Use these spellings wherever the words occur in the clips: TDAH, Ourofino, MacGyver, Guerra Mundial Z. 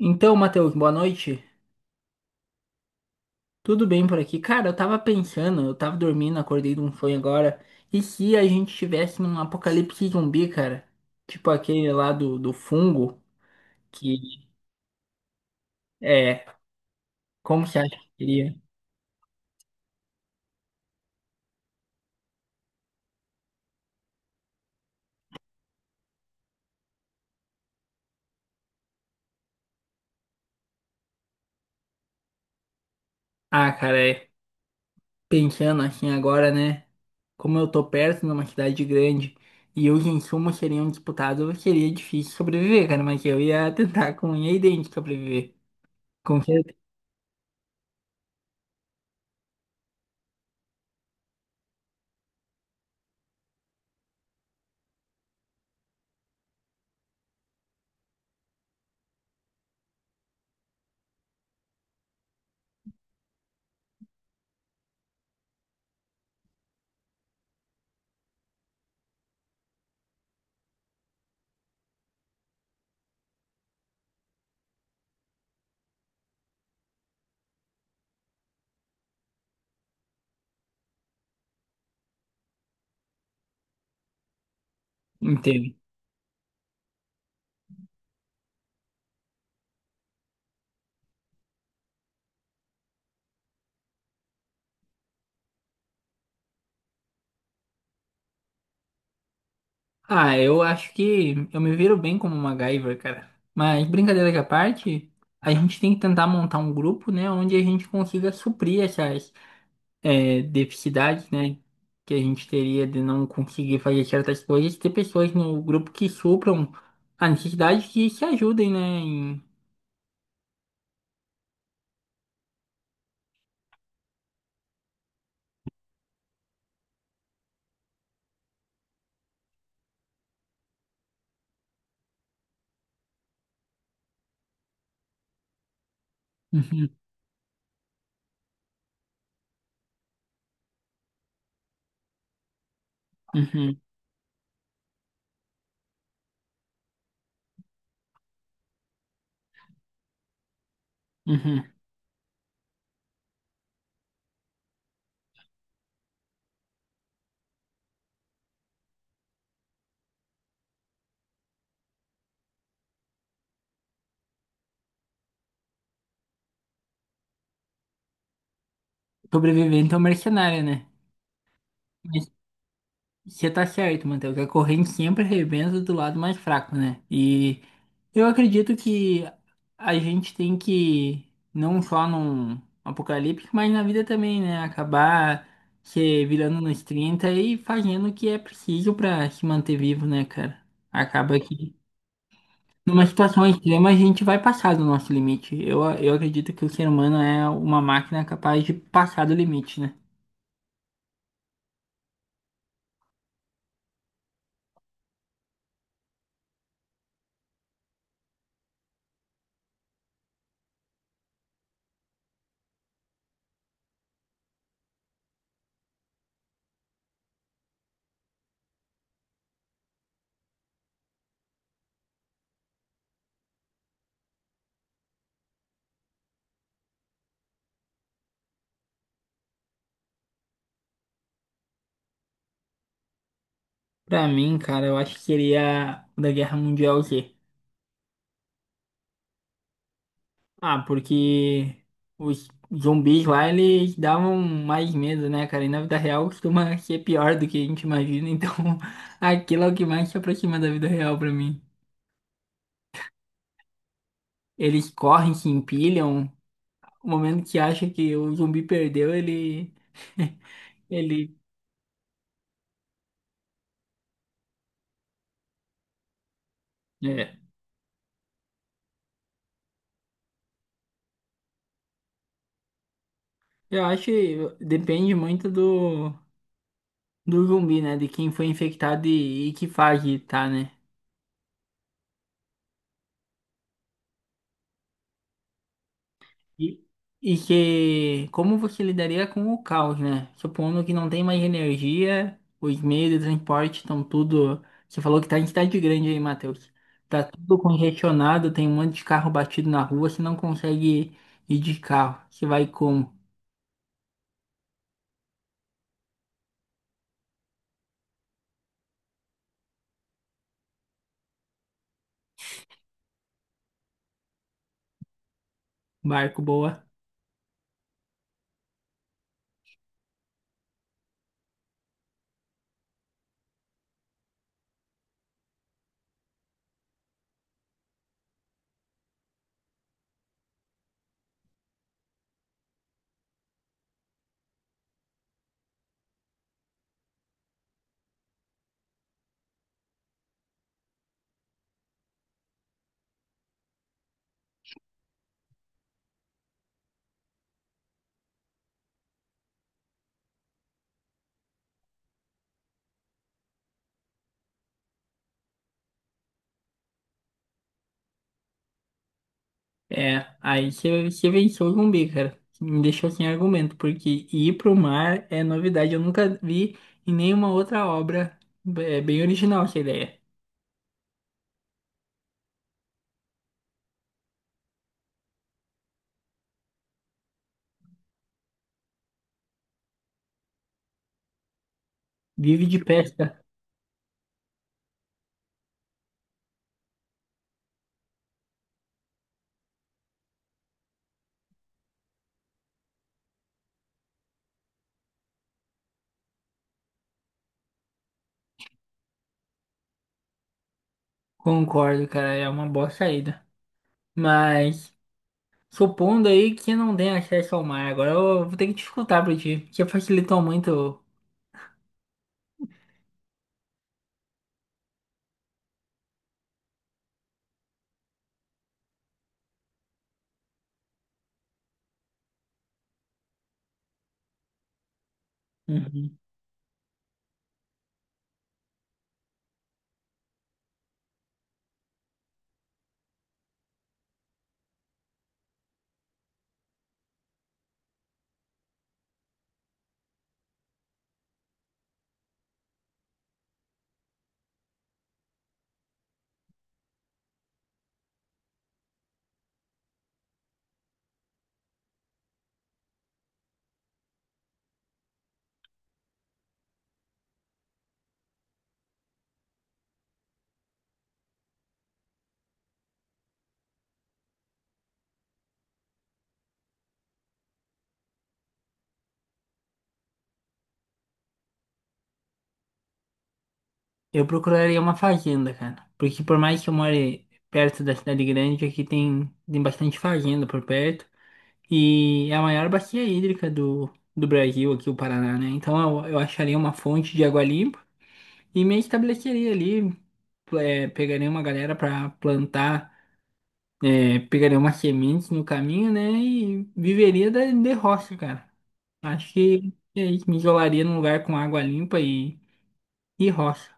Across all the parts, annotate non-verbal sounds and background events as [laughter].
Então, Matheus, boa noite. Tudo bem por aqui? Cara, eu tava pensando, eu tava dormindo, acordei de um sonho agora. E se a gente tivesse num apocalipse zumbi, cara? Tipo aquele lá do fungo, que é. Como você acha que seria? Ah, cara, é. Pensando assim agora, né? Como eu tô perto numa cidade grande e os insumos seriam disputados, seria difícil sobreviver, cara, mas eu ia [laughs] tentar com unha e dente sobreviver. Com certeza. Ah, eu acho que eu me viro bem como MacGyver, cara. Mas brincadeira à parte, a gente tem que tentar montar um grupo, né, onde a gente consiga suprir essas deficiências, né, que a gente teria de não conseguir fazer certas coisas, ter pessoas no grupo que supram a necessidade que se ajudem, né, em... Uhum, uhum, uhum. Sobrevivente é um mercenário, né? Você tá certo, Matheus, que a corrente sempre arrebenta do lado mais fraco, né? E eu acredito que a gente tem que, não só num apocalipse, mas na vida também, né? Acabar se virando nos 30 e fazendo o que é preciso pra se manter vivo, né, cara? Acaba que, numa situação extrema, a gente vai passar do nosso limite. Eu acredito que o ser humano é uma máquina capaz de passar do limite, né? Pra mim, cara, eu acho que seria o da Guerra Mundial Z. Ah, porque os zumbis lá, eles davam mais medo, né, cara? E na vida real costuma [laughs] ser pior do que a gente imagina, então [laughs] aquilo é o que mais se aproxima da vida real pra mim. Eles correm, se empilham, o momento que acha que o zumbi perdeu, ele... [laughs] ele... É. Eu acho que depende muito do zumbi, né? De quem foi infectado e que fase tá, né? E, e que como você lidaria com o caos, né? Supondo que não tem mais energia, os meios de transporte estão tudo. Você falou que tá em cidade grande aí, Matheus. Tá tudo congestionado, tem um monte de carro batido na rua, você não consegue ir de carro. Você vai como? Barco boa. É, aí você, você venceu o zumbi, cara. Me deixou sem argumento, porque ir pro mar é novidade. Eu nunca vi em nenhuma outra obra. É bem original essa ideia. Vive de pesca. Concordo, cara, é uma boa saída. Mas supondo aí que não tem acesso ao mar, agora eu vou ter que te escutar pra ti, porque facilitou muito. Uhum. Eu procuraria uma fazenda, cara, porque por mais que eu more perto da cidade grande, aqui tem bastante fazenda por perto e é a maior bacia hídrica do Brasil, aqui o Paraná, né? Então eu acharia uma fonte de água limpa e me estabeleceria ali, pegaria uma galera pra plantar. Pegaria uma semente no caminho, né? E viveria da, de roça, cara. Acho que é isso, me isolaria num lugar com água limpa e roça.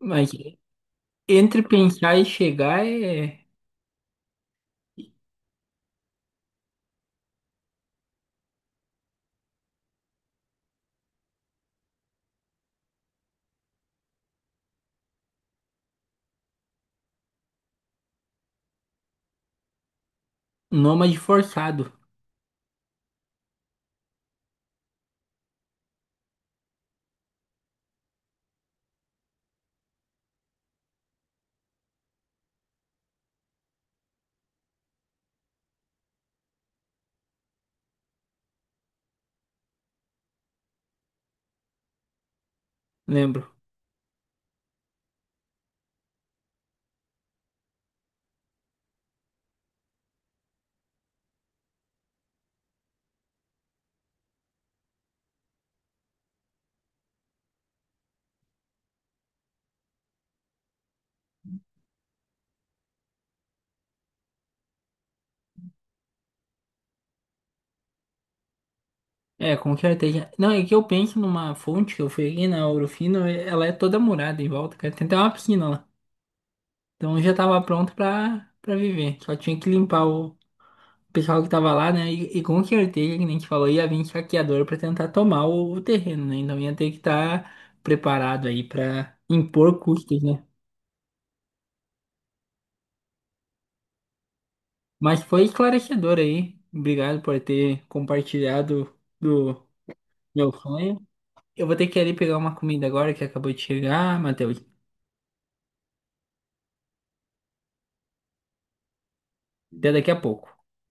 Mas entre pensar e chegar é nômade forçado, lembro. É, com certeza. Não, é que eu penso numa fonte que eu fui aqui na Ourofino, ela é toda murada em volta, cara. Tem até uma piscina lá. Então eu já tava pronto pra, pra viver. Só tinha que limpar o pessoal que tava lá, né? E com certeza, que nem a gente falou, ia vir saqueador pra tentar tomar o terreno, né? Então ia ter que estar preparado aí pra impor custos, né? Mas foi esclarecedor aí. Obrigado por ter compartilhado do meu sonho. Eu vou ter que ir ali pegar uma comida agora que acabou de chegar, Matheus. Até daqui a pouco.